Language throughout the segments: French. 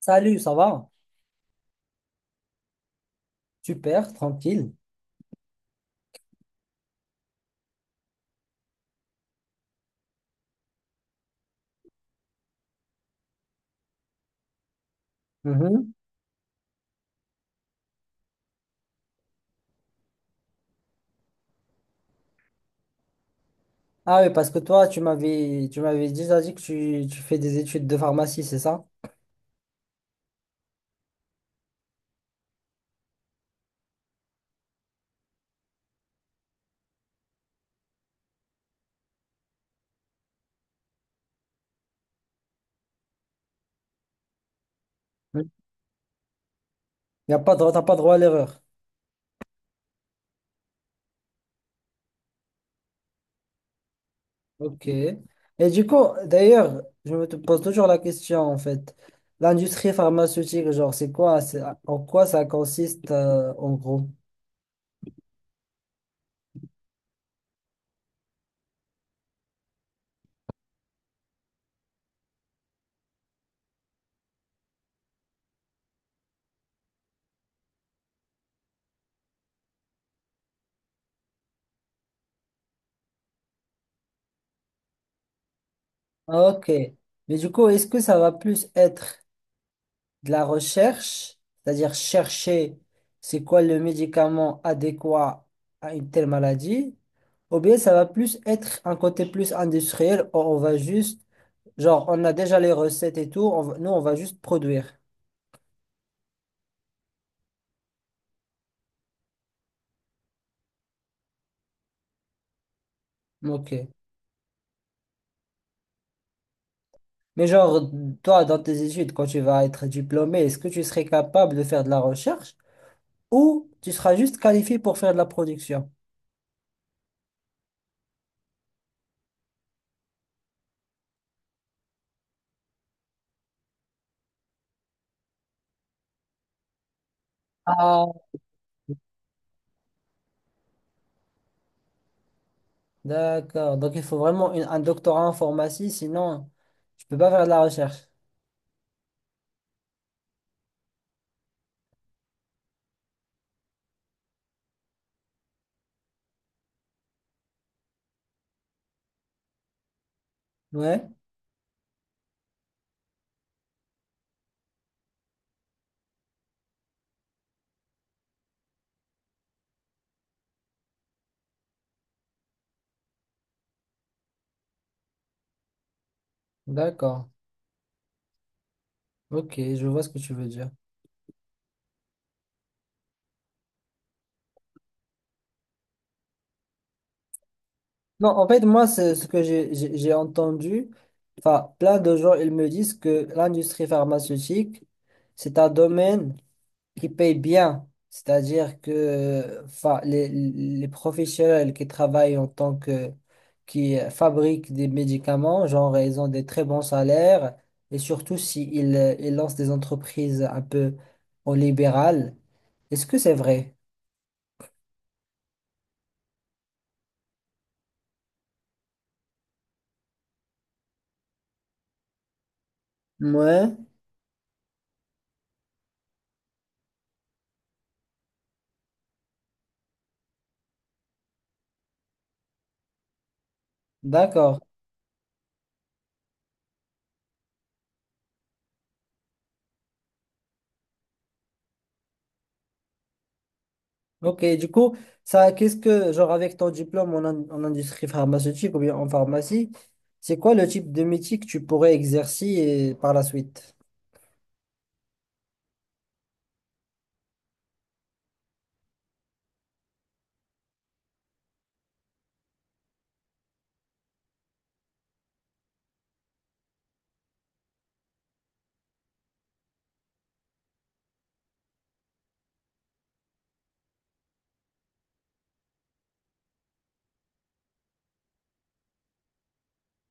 Salut, ça va? Super, tranquille. Mhm. Ah oui, parce que toi, tu m'avais déjà dit que tu fais des études de pharmacie, c'est ça? Il Y a pas de, t'as pas droit à l'erreur. Ok. Et du coup, d'ailleurs, je me te pose toujours la question, en fait. L'industrie pharmaceutique, genre, c'est quoi? En quoi ça consiste, en gros? Ah, ok. Mais du coup, est-ce que ça va plus être de la recherche, c'est-à-dire chercher c'est quoi le médicament adéquat à une telle maladie, ou bien ça va plus être un côté plus industriel, où on va juste, genre, on a déjà les recettes et tout, nous, on va juste produire. Ok. Mais genre, toi, dans tes études, quand tu vas être diplômé, est-ce que tu serais capable de faire de la recherche ou tu seras juste qualifié pour faire de la production? Ah, d'accord. Donc, il faut vraiment un doctorat en pharmacie, sinon, tu peux pas faire de la recherche. Ouais, d'accord. Ok, je vois ce que tu veux dire. Non, en fait, moi, c'est ce que j'ai entendu. Enfin, plein de gens, ils me disent que l'industrie pharmaceutique, c'est un domaine qui paye bien. C'est-à-dire que enfin, les professionnels qui travaillent en tant que, qui fabriquent des médicaments, genre, ils ont des très bons salaires. Et surtout, s'ils ils lancent des entreprises un peu au libéral. Est-ce que c'est vrai? Ouais. D'accord. Ok, du coup, ça, qu'est-ce que, genre, avec ton diplôme en industrie pharmaceutique ou bien en pharmacie, c'est quoi le type de métier que tu pourrais exercer et par la suite?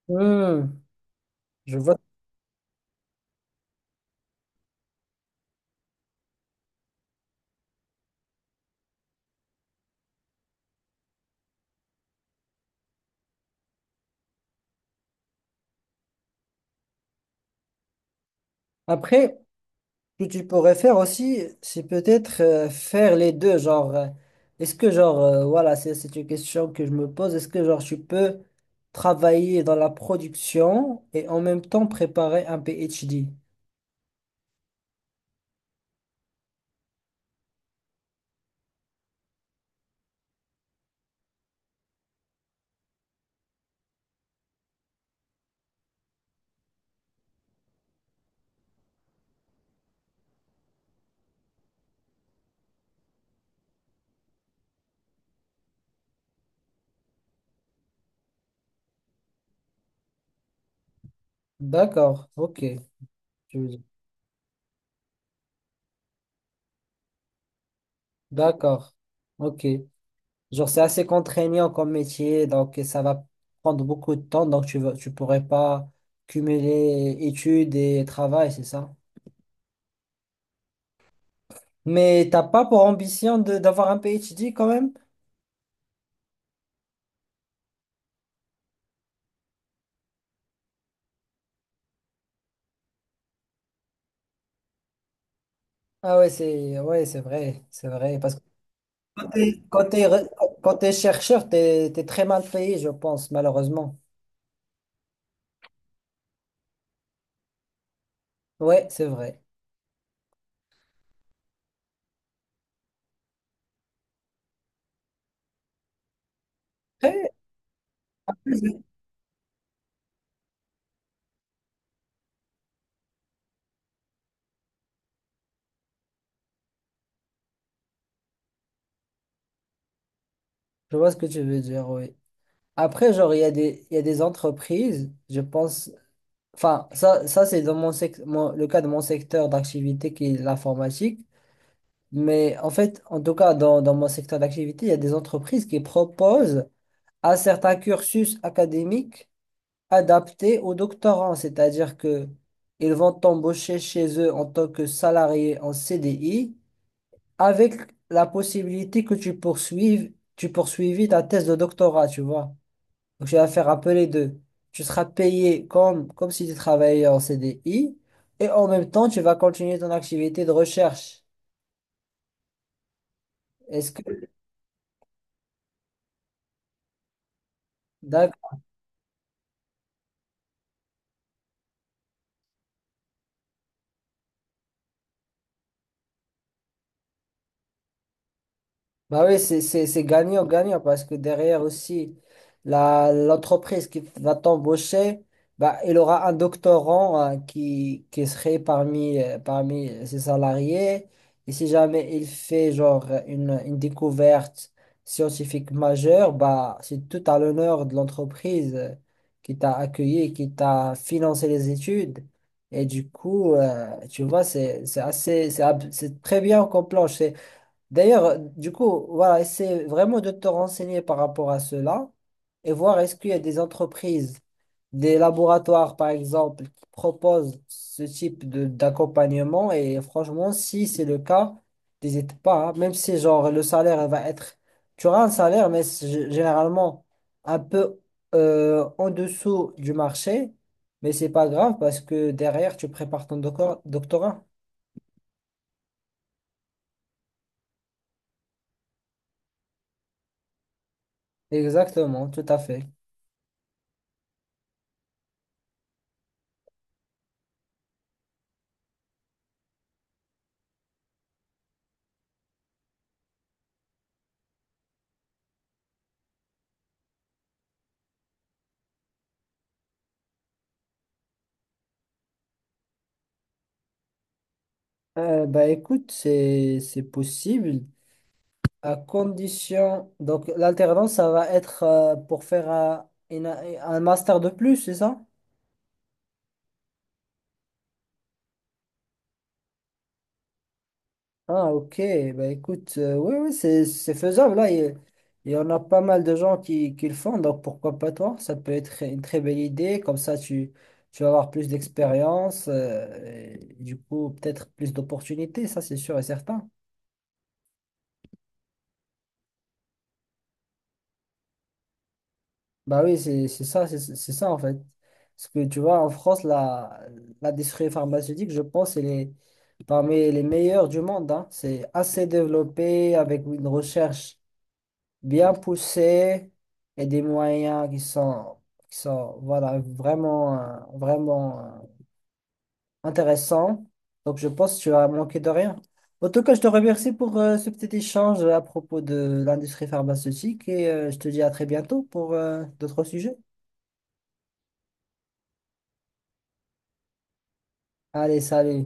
Hmm, je vois. Après, ce que tu pourrais faire aussi, c'est peut-être faire les deux. Genre, est-ce que, genre, voilà, c'est une question que je me pose. Est-ce que, genre, tu peux travailler dans la production et en même temps préparer un PhD? D'accord, ok. Tu veux dire. D'accord, ok. Genre, c'est assez contraignant comme métier, donc ça va prendre beaucoup de temps, donc tu vas, tu pourrais pas cumuler études et travail, c'est ça? Mais t'as pas pour ambition de d'avoir un PhD quand même? Ah ouais, c'est vrai, c'est vrai. Parce que quand t'es, quand t'es re- quand t'es chercheur, t'es très mal payé, je pense, malheureusement. Ouais, c'est vrai. Après, je vois ce que tu veux dire, oui. Après, genre, il y a des entreprises, je pense. Enfin, ça c'est dans le cas de mon secteur d'activité qui est l'informatique. Mais en fait, en tout cas, dans mon secteur d'activité, il y a des entreprises qui proposent à certains cursus académiques. Adapté aux doctorants, c'est-à-dire que ils vont t'embaucher chez eux en tant que salarié en CDI avec la possibilité que tu poursuivis ta thèse de doctorat, tu vois. Donc tu vas faire un peu les deux. Tu seras payé comme si tu travaillais en CDI et en même temps, tu vas continuer ton activité de recherche. Est-ce que, bah oui, c'est gagnant-gagnant parce que derrière aussi, l'entreprise qui va t'embaucher, bah, il aura un doctorant hein, qui serait parmi, parmi ses salariés. Et si jamais il fait genre une découverte scientifique majeure, bah, c'est tout à l'honneur de l'entreprise qui t'a accueilli, et qui t'a financé les études. Et du coup, tu vois, c'est assez, c'est ab- c'est très bien qu'on planche. D'ailleurs, du coup, voilà, essaie vraiment de te renseigner par rapport à cela et voir est-ce qu'il y a des entreprises, des laboratoires par exemple, qui proposent ce type de d'accompagnement. Et franchement, si c'est le cas, n'hésite pas, hein. Même si genre le salaire va être, tu auras un salaire, mais c'est généralement un peu en dessous du marché, mais c'est pas grave parce que derrière, tu prépares ton doctorat. Exactement, tout à fait. Bah écoute, c'est possible à condition. Donc l'alternance, ça va être pour faire un master de plus, c'est ça? Ah ok, bah écoute, oui oui, c'est faisable là. Il y en a pas mal de gens qui le font, donc pourquoi pas toi? Ça peut être une très belle idée. Comme ça, tu vas avoir plus d'expérience, et du coup peut-être plus d'opportunités, ça c'est sûr et certain. Bah oui, c'est ça en fait. Parce que tu vois, en France, l'industrie pharmaceutique, je pense, elle est parmi les meilleures du monde, hein. C'est assez développé, avec une recherche bien poussée et des moyens qui sont voilà, vraiment, vraiment intéressants. Donc je pense que tu vas manquer de rien. En tout cas, je te remercie pour ce petit échange à propos de l'industrie pharmaceutique et je te dis à très bientôt pour d'autres sujets. Allez, salut.